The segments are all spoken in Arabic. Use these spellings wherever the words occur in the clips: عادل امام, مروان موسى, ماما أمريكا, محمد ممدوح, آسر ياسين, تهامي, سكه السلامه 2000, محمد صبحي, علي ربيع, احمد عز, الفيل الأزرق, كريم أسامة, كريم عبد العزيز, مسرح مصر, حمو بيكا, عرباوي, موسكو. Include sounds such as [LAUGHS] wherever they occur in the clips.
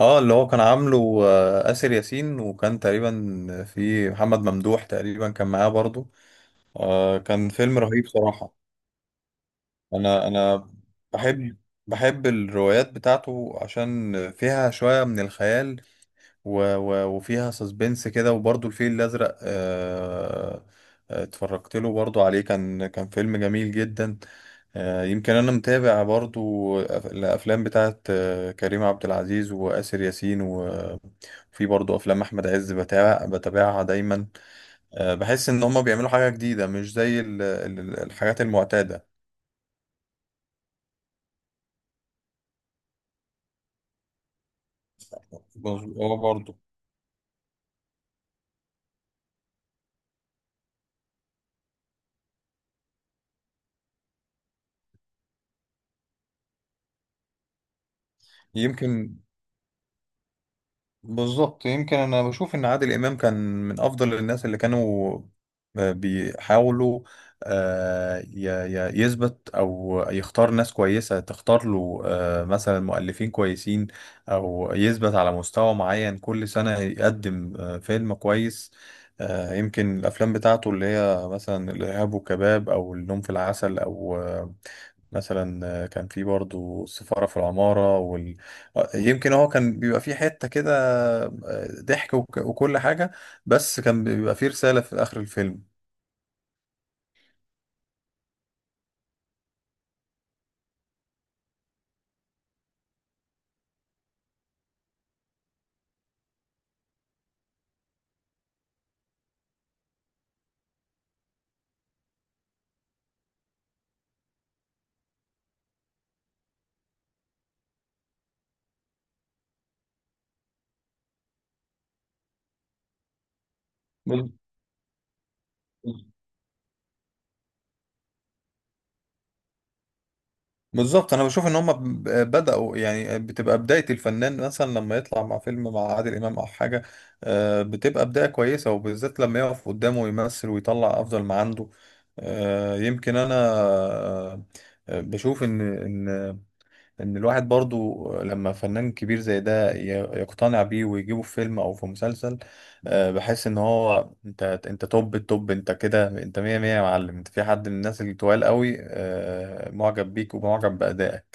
اه، اللي هو كان عامله، آسر ياسين، وكان تقريبا في محمد ممدوح تقريبا كان معاه برضو. كان فيلم رهيب صراحة. انا بحب بحب الروايات بتاعته عشان فيها شوية من الخيال، و و وفيها سسبنس كده، وبرضو الفيل الأزرق. اتفرجت له برضو عليه، كان فيلم جميل جدا. يمكن انا متابع برضو الافلام بتاعت كريم عبد العزيز وآسر ياسين. في برضه افلام احمد عز بتابعها دايما. بحس ان هما بيعملوا حاجه جديده مش زي الحاجات المعتاده. هو برضه. يمكن. بالظبط، يمكن انا بشوف ان عادل امام كان من افضل الناس اللي كانوا بيحاولوا آه، ي- يثبت او يختار ناس كويسه تختار له، مثلا مؤلفين كويسين، او يثبت على مستوى معين، كل سنه يقدم فيلم كويس. يمكن الافلام بتاعته اللي هي مثلا الارهاب والكباب او النوم في العسل، او مثلا كان في برضو السفاره في العماره. يمكن هو كان بيبقى في حته كده، ضحك وكل حاجة، بس كان بيبقى فيه رسالة في آخر الفيلم. بال- بالظبط انا بشوف ان هم بدأوا، يعني بتبقى بداية الفنان مثلا لما يطلع مع فيلم مع عادل امام او حاجة، بتبقى بداية كويسة، وبالذات لما يقف قدامه ويمثل ويطلع افضل ما عنده. يمكن انا بشوف ان الواحد برضو لما فنان كبير زي ده يقتنع بيه ويجيبه في فيلم او في مسلسل، بحس ان هو، انت توب التوب، انت كده، انت مية مية يا معلم، انت في حد من الناس اللي طوال قوي معجب بيك ومعجب بأدائك.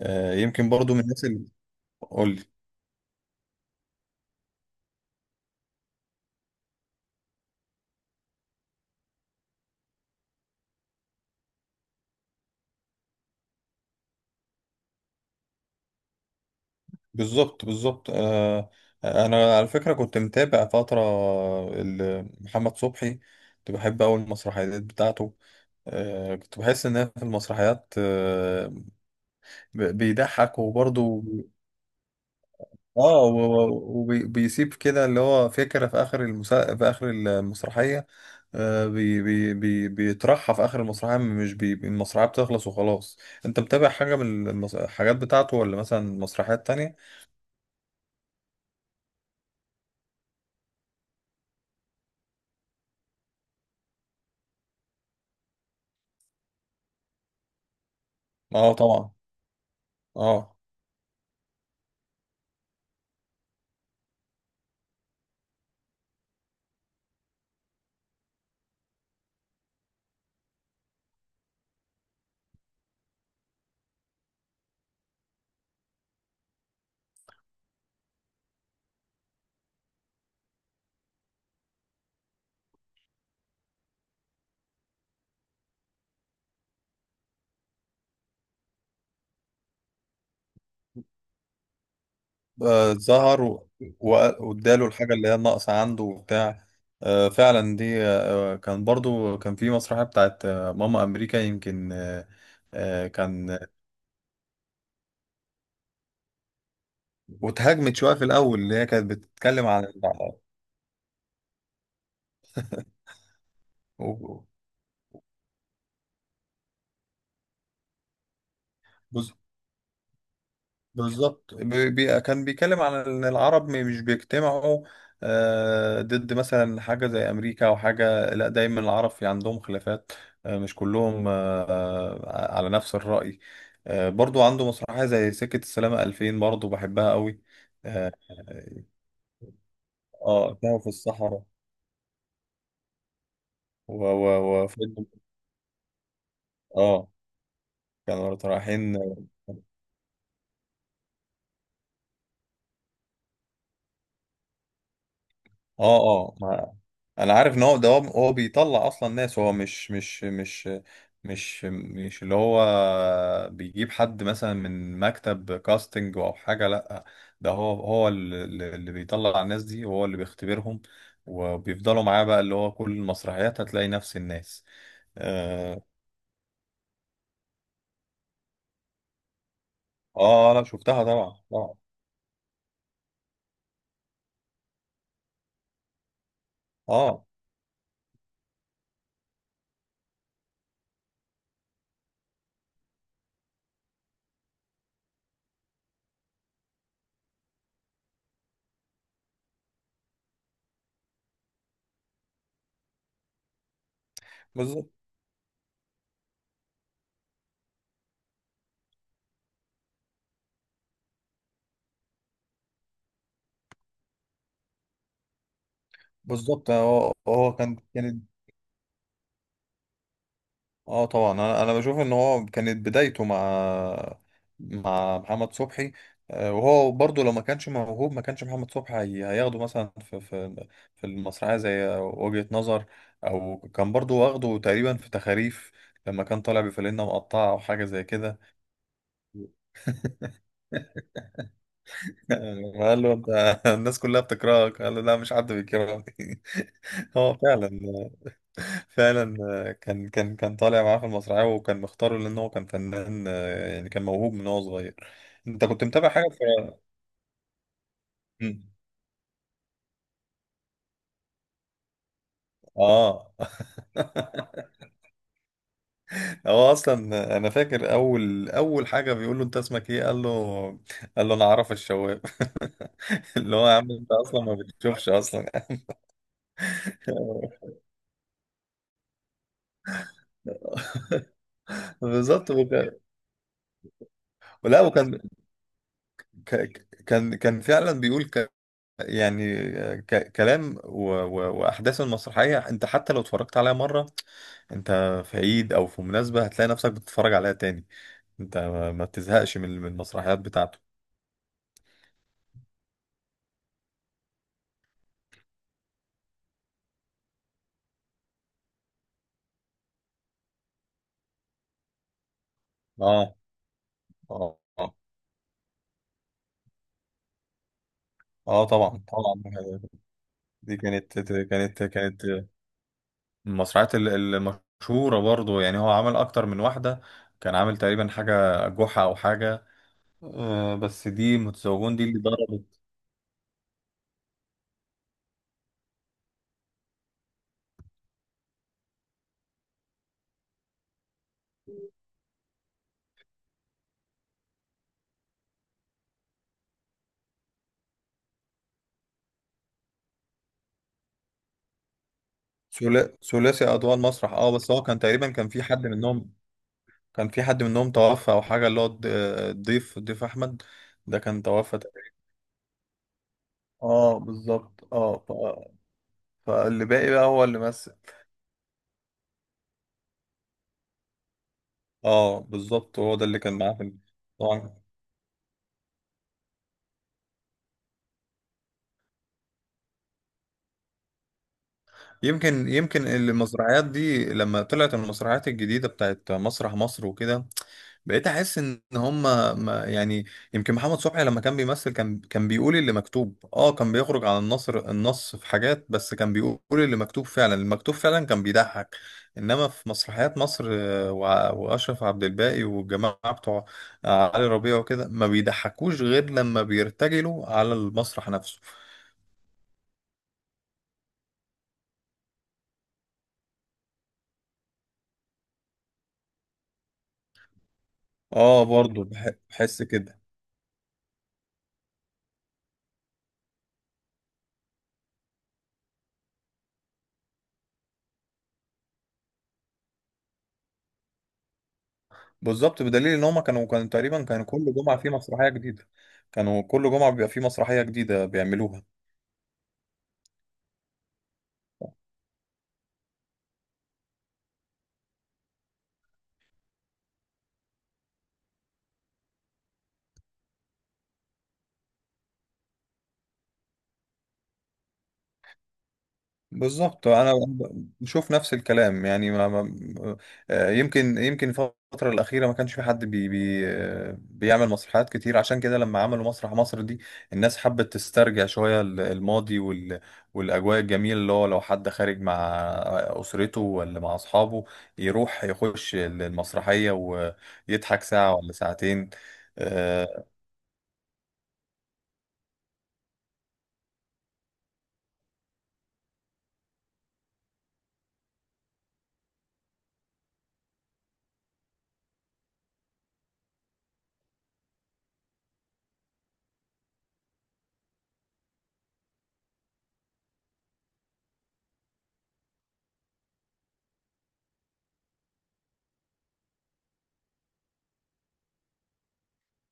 يمكن برضو من الناس اللي... قول. بالظبط، بالظبط. انا على فكرة كنت متابع فترة محمد صبحي، كنت بحب أوي المسرحيات بتاعته. كنت بحس إن أنا في المسرحيات بيضحك وبرضه. اه، وبيسيب كده اللي هو فكرة في آخر المسرحية. بيطرحها في آخر المسرحية، مش المسرحية بتخلص وخلاص. أنت متابع حاجة من الحاجات بتاعته، ولا مثلا مسرحيات تانية؟ اه، طبعا. اه. ظهر و... واداله الحاجة اللي هي الناقصة عنده وبتاع. فعلا دي. كان برضو كان في مسرحية بتاعت ماما أمريكا يمكن. كان. واتهاجمت شويه في الاول، اللي هي كانت بتتكلم عن و- بز- بالظبط، كان بيتكلم عن ان العرب مش بيجتمعوا ضد مثلا حاجه زي امريكا او حاجه. لا، دايما العرب في عندهم خلافات، مش كلهم على نفس الراي. برضو عنده مسرحيه زي سكه السلامه 2000، برضو بحبها قوي. اه. تاهوا في الصحراء و و وفضلوا- اه، كانوا رايحين، اه. اه. انا عارف ان هو ده هو بيطلع اصلا ناس. هو مش اللي هو بيجيب حد مثلا من مكتب كاستنج او حاجه. لا، ده هو، اللي بيطلع الناس دي، وهو اللي بيختبرهم، وبيفضلوا معاه بقى، اللي هو كل المسرحيات هتلاقي نفس الناس. اه. لا، شفتها طبعا، طبعا. اه، بالظبط، بالظبط. هو كانت. اه، طبعا. انا بشوف ان هو كانت بدايته مع محمد صبحي، وهو برضه لو ما كانش موهوب ما كانش محمد صبحي هياخده مثلا في المسرحيه زي وجهة نظر، او كان برضه واخده تقريبا في تخاريف لما كان طالع بفانلة مقطعه او حاجه زي كده. [LAUGHS] قال له: انت الناس كلها بتكرهك. قال له: لا، مش حد بيكرهني. [LAUGHS] هو فعلا، فعلا. كان طالع معاه في المسرحية، وكان مختاره لأن هو كان فنان، يعني كان موهوب من وهو صغير. أنت كنت متابع حاجة في مم. آه. [LAUGHS] هو أصلا، أنا فاكر أول حاجة بيقول له: أنت اسمك إيه؟ قال له: أنا عرف الشواب. [LAUGHS] اللي هو يا عم، أنت أصلا ما بتشوفش أصلا. [LAUGHS] بالظبط، وكان. لا، وكان كان فعلا بيقول، يعني كلام واحداث المسرحيه، انت حتى لو اتفرجت عليها مره، انت في عيد او في مناسبه هتلاقي نفسك بتتفرج عليها تاني، انت ما بتزهقش من المسرحيات بتاعته. اه، اه، اه. طبعا، طبعا. دي كانت المسرحيات المشهوره برضه، يعني هو عمل اكتر من واحده، كان عامل تقريبا حاجه جحا او حاجه، بس دي متزوجون دي اللي ضربت. ثلاثي اضواء المسرح. اه، بس هو كان تقريبا كان في حد منهم. كان في حد منهم توفى او حاجه، اللي هو الضيف احمد، ده كان توفى تقريبا. اه، بالظبط، اه. فاللي باقي بقى هو اللي مثل. اه، بالظبط، هو ده اللي كان معاه في طبعا. يمكن المسرحيات دي لما طلعت المسرحيات الجديده بتاعت مسرح مصر وكده، بقيت احس ان هم ما يعني. يمكن محمد صبحي لما كان بيمثل كان بيقول اللي مكتوب، اه كان بيخرج عن النص في حاجات، بس كان بيقول اللي مكتوب فعلا، المكتوب فعلا كان بيضحك. انما في مسرحيات مصر واشرف عبد الباقي والجماعه بتوع علي ربيع وكده، ما بيضحكوش غير لما بيرتجلوا على المسرح نفسه. اه، برضه بحس كده. بالظبط، بدليل ان هم كانوا تقريبا كانوا كل جمعه في مسرحيه جديده، كانوا كل جمعه بيبقى في مسرحيه جديده بيعملوها. بالظبط. انا بشوف نفس الكلام، يعني ما. يمكن الفتره الاخيره ما كانش في حد بي بي بيعمل مسرحيات كتير، عشان كده لما عملوا مسرح مصر دي، الناس حبت تسترجع شويه الماضي والاجواء الجميله، اللي هو لو حد خارج مع اسرته ولا مع اصحابه، يروح يخش المسرحيه ويضحك ساعه ولا ساعتين. آه،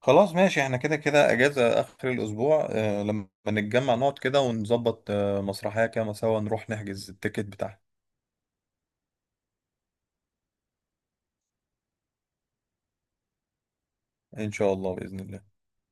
خلاص، ماشي، احنا كده كده اجازة اخر الاسبوع. لما نتجمع نقعد كده ونظبط مسرحية كده سوا، نروح نحجز التيكت بتاعها. ان شاء الله، بإذن الله.